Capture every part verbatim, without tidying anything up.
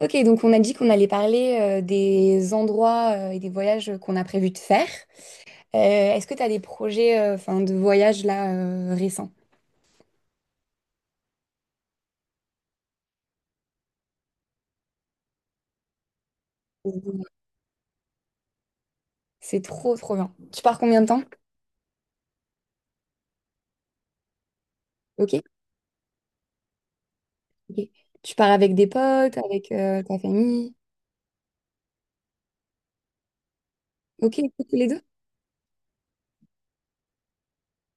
Ok, donc on a dit qu'on allait parler euh, des endroits euh, et des voyages qu'on a prévu de faire. Euh, est-ce que tu as des projets euh, enfin, de voyage là euh, récents? C'est trop, trop bien. Tu pars combien de temps? Ok. Ok. Tu pars avec des potes, avec euh, ta famille? Ok, tous les deux?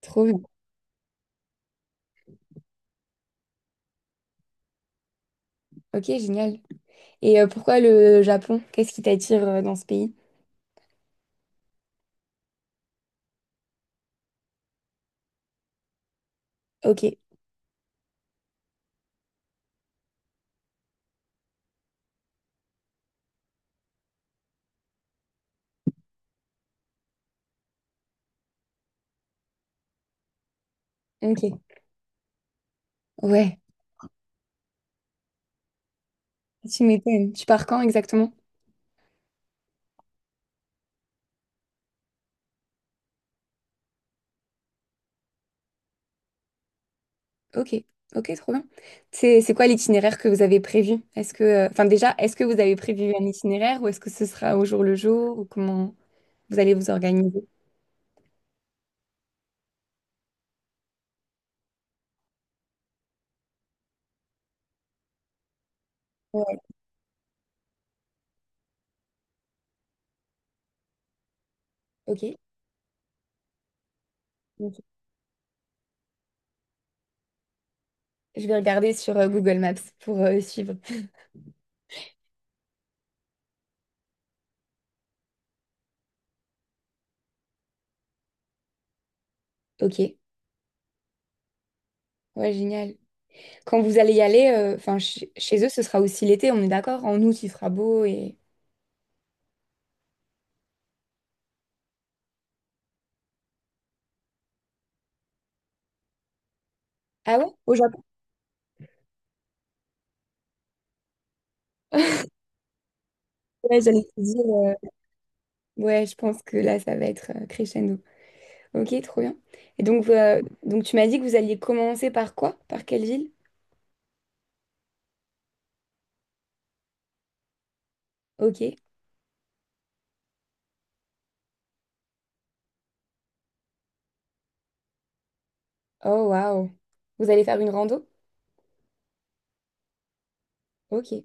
Trop bien. Ok, génial. Et euh, pourquoi le Japon? Qu'est-ce qui t'attire euh, dans ce pays? Ok, ok. Ouais, tu m'étonnes. Tu pars quand exactement? Ok, ok, trop bien. C'est c'est quoi l'itinéraire que vous avez prévu? Est-ce que, euh, enfin déjà, est-ce que vous avez prévu un itinéraire ou est-ce que ce sera au jour le jour ou comment vous allez vous organiser? Ouais, ok. Ok. Je vais regarder sur euh, Google Maps pour euh, suivre. Ok, ouais, génial. Quand vous allez y aller, euh, enfin chez chez eux, ce sera aussi l'été, on est d'accord? En août, il fera beau et... Ah ouais? Au Japon, ouais, j'allais te dire. euh, Ouais, je pense que là, ça va être euh, crescendo. Ok, trop bien. Et donc, euh, donc tu m'as dit que vous alliez commencer par quoi? Par quelle ville? Ok. Oh, waouh. Vous allez faire une rando? Ok.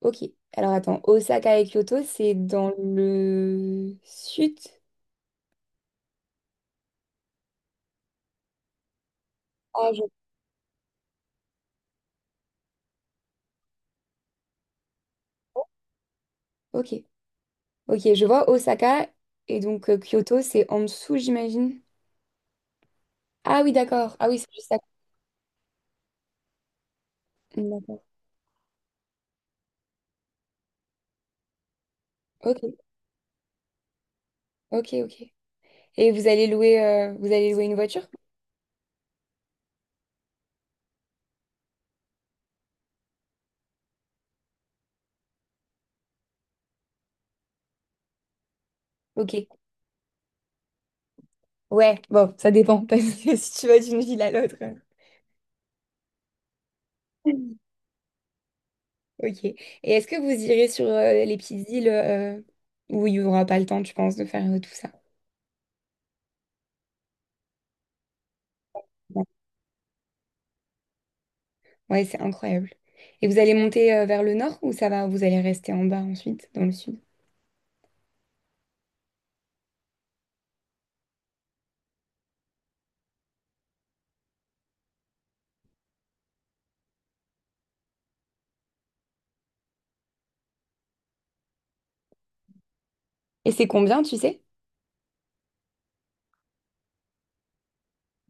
Ok. Alors attends, Osaka et Kyoto, c'est dans le sud? Ah, je- Ok. Ok, je vois Osaka et donc euh, Kyoto, c'est en dessous, j'imagine. Ah oui, d'accord. Ah oui, c'est juste à côté. D'accord. Ok. Ok, ok. Et vous allez louer, euh, vous allez louer une voiture? Ok. Ouais, bon, ça dépend, parce que si tu vas d'une ville à l'autre. Euh. Ok. Et est-ce que vous irez sur euh, les petites îles euh, où il n'y aura pas le temps, tu penses, de faire euh, tout ça? Ouais, ouais, c'est incroyable. Et vous allez monter euh, vers le nord ou ça va, vous allez rester en bas ensuite, dans le sud? Et c'est combien, tu sais,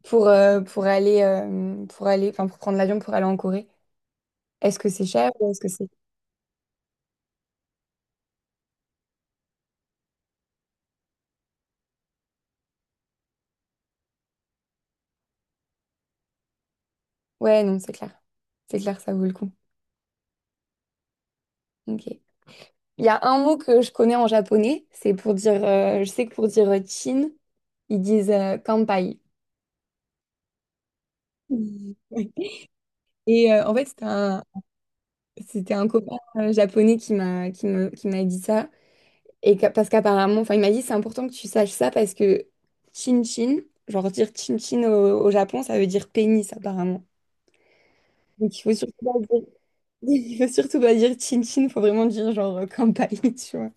pour, euh, pour aller, euh, pour aller, enfin, pour prendre l'avion pour aller en Corée? Est-ce que c'est cher ou est-ce que c'est... Ouais, non, c'est clair. C'est clair, ça vaut le coup. Ok. Il y a un mot que je connais en japonais, c'est pour dire, euh, je sais que pour dire euh, Chine, ils disent euh, Kanpai. Oui. Et euh, en fait, c'était un, c'était un copain euh, japonais qui m'a qui me, qui m'a dit ça. Et qu'a- parce qu'apparemment, enfin, il m'a dit, c'est important que tu saches ça parce que chin-chin, genre dire chin-chin au, au Japon, ça veut dire pénis apparemment. Donc il faut surtout pas dire, il faut surtout pas dire chin-chin, faut vraiment dire genre euh, kanpai, tu vois.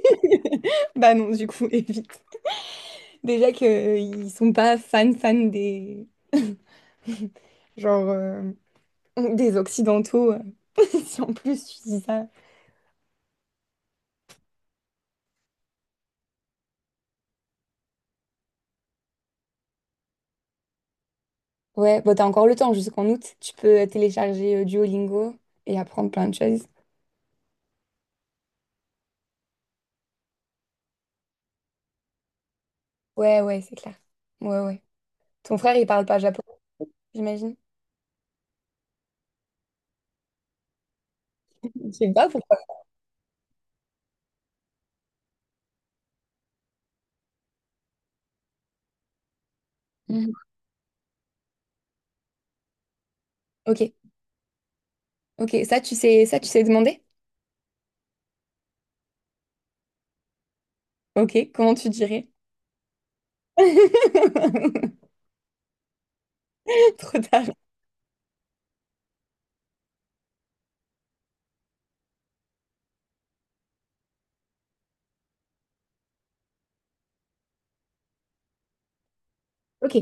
Bah non, du coup, évite. Déjà que euh, ils sont pas fans fans des genre euh, des Occidentaux. Euh, si en plus tu dis ça. Ouais, bah t'as encore le temps jusqu'en août. Tu peux télécharger euh, Duolingo et apprendre plein de choses. Ouais, ouais, c'est clair. Ouais, ouais. Ton frère, il parle pas japonais, j'imagine. Je sais pas pourquoi. Mhm. Ok, ok. Ça, tu sais, ça, tu sais demander? Ok, comment tu dirais? Trop tard. Ok,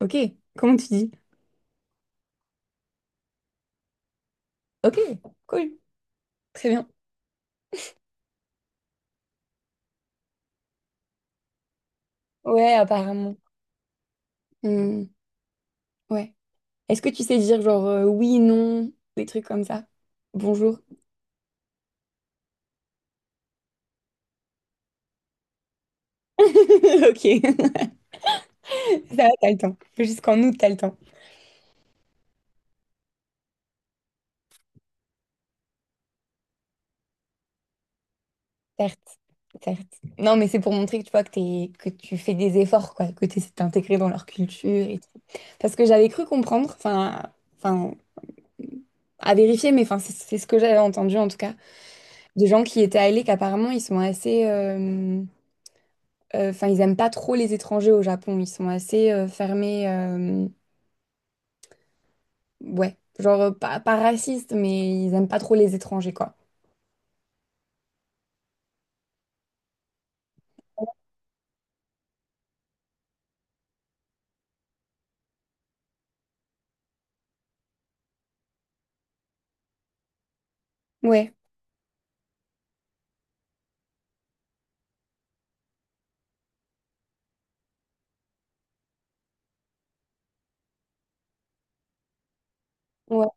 ok. Comment tu dis? Ok, cool. Très bien. Ouais, apparemment. Hmm, ouais. Est-ce que tu sais dire genre euh, oui, non, des trucs comme ça? Bonjour. Ok. Ça va, t'as le temps. Jusqu'en août, t'as le temps. Certes, certes. Non, mais c'est pour montrer que tu vois que, t'es- que tu fais des efforts, quoi, que tu essaies de t'intégrer dans leur culture et tout. Parce que j'avais cru comprendre, enfin, enfin, à vérifier, mais enfin, c'est c'est ce que j'avais entendu en tout cas, des gens qui étaient allés, qu'apparemment ils sont assez, euh, euh, enfin, ils aiment pas trop les étrangers au Japon, ils sont assez euh, fermés, euh, ouais, genre euh, pas, pas racistes, mais ils aiment pas trop les étrangers, quoi. Ouais, ouais,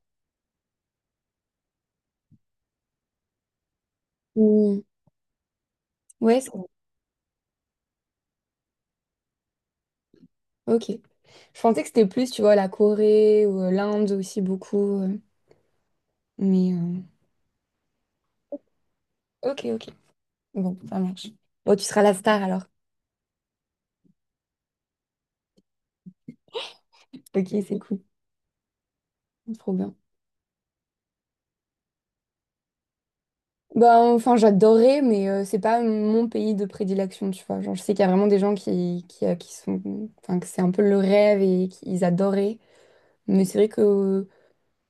Mm. Ouais, c'est- Ok. Je pensais que c'était plus, tu vois, la Corée ou euh, l'Inde aussi beaucoup. euh, Mais euh, ok, ok. Bon, ça marche. Bon, tu seras la star alors. Ok, c'est cool. Trop bien. Bah, enfin, j'adorais, mais euh, c'est pas mon pays de prédilection, tu vois. Genre, je sais qu'il y a vraiment des gens qui, qui, euh, qui sont. Enfin, que c'est un peu le rêve et qu'ils adoraient. Mais c'est vrai que. euh,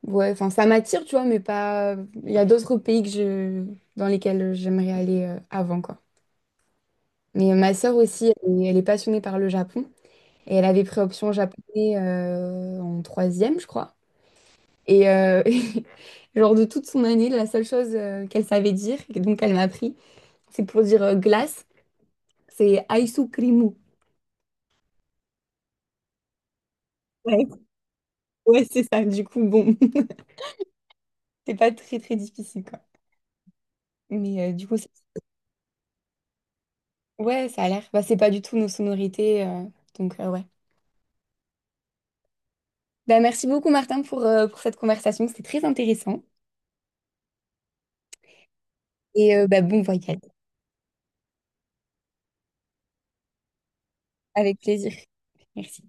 Ouais, enfin, ça m'attire, tu vois, mais pas. Il y a d'autres pays que je... dans lesquels j'aimerais aller euh, avant, quoi. Mais euh, ma sœur aussi, elle est elle est passionnée par le Japon. Et elle avait pris option japonais euh, en troisième, je crois. Et euh, genre de toute son année, la seule chose euh, qu'elle savait dire, et donc elle m'a appris, c'est pour dire euh, glace, c'est aisukrimu. Ouais, ouais, c'est ça. Du coup, bon, c'est pas très très difficile quoi. Mais euh, du coup, c'est- ouais, ça a l'air. Bah, c'est pas du tout nos sonorités, euh, donc euh, ouais. Bah, merci beaucoup Martin pour, euh, pour cette conversation, c'était très intéressant. Et euh, bah, bon voyage, avec plaisir. Merci.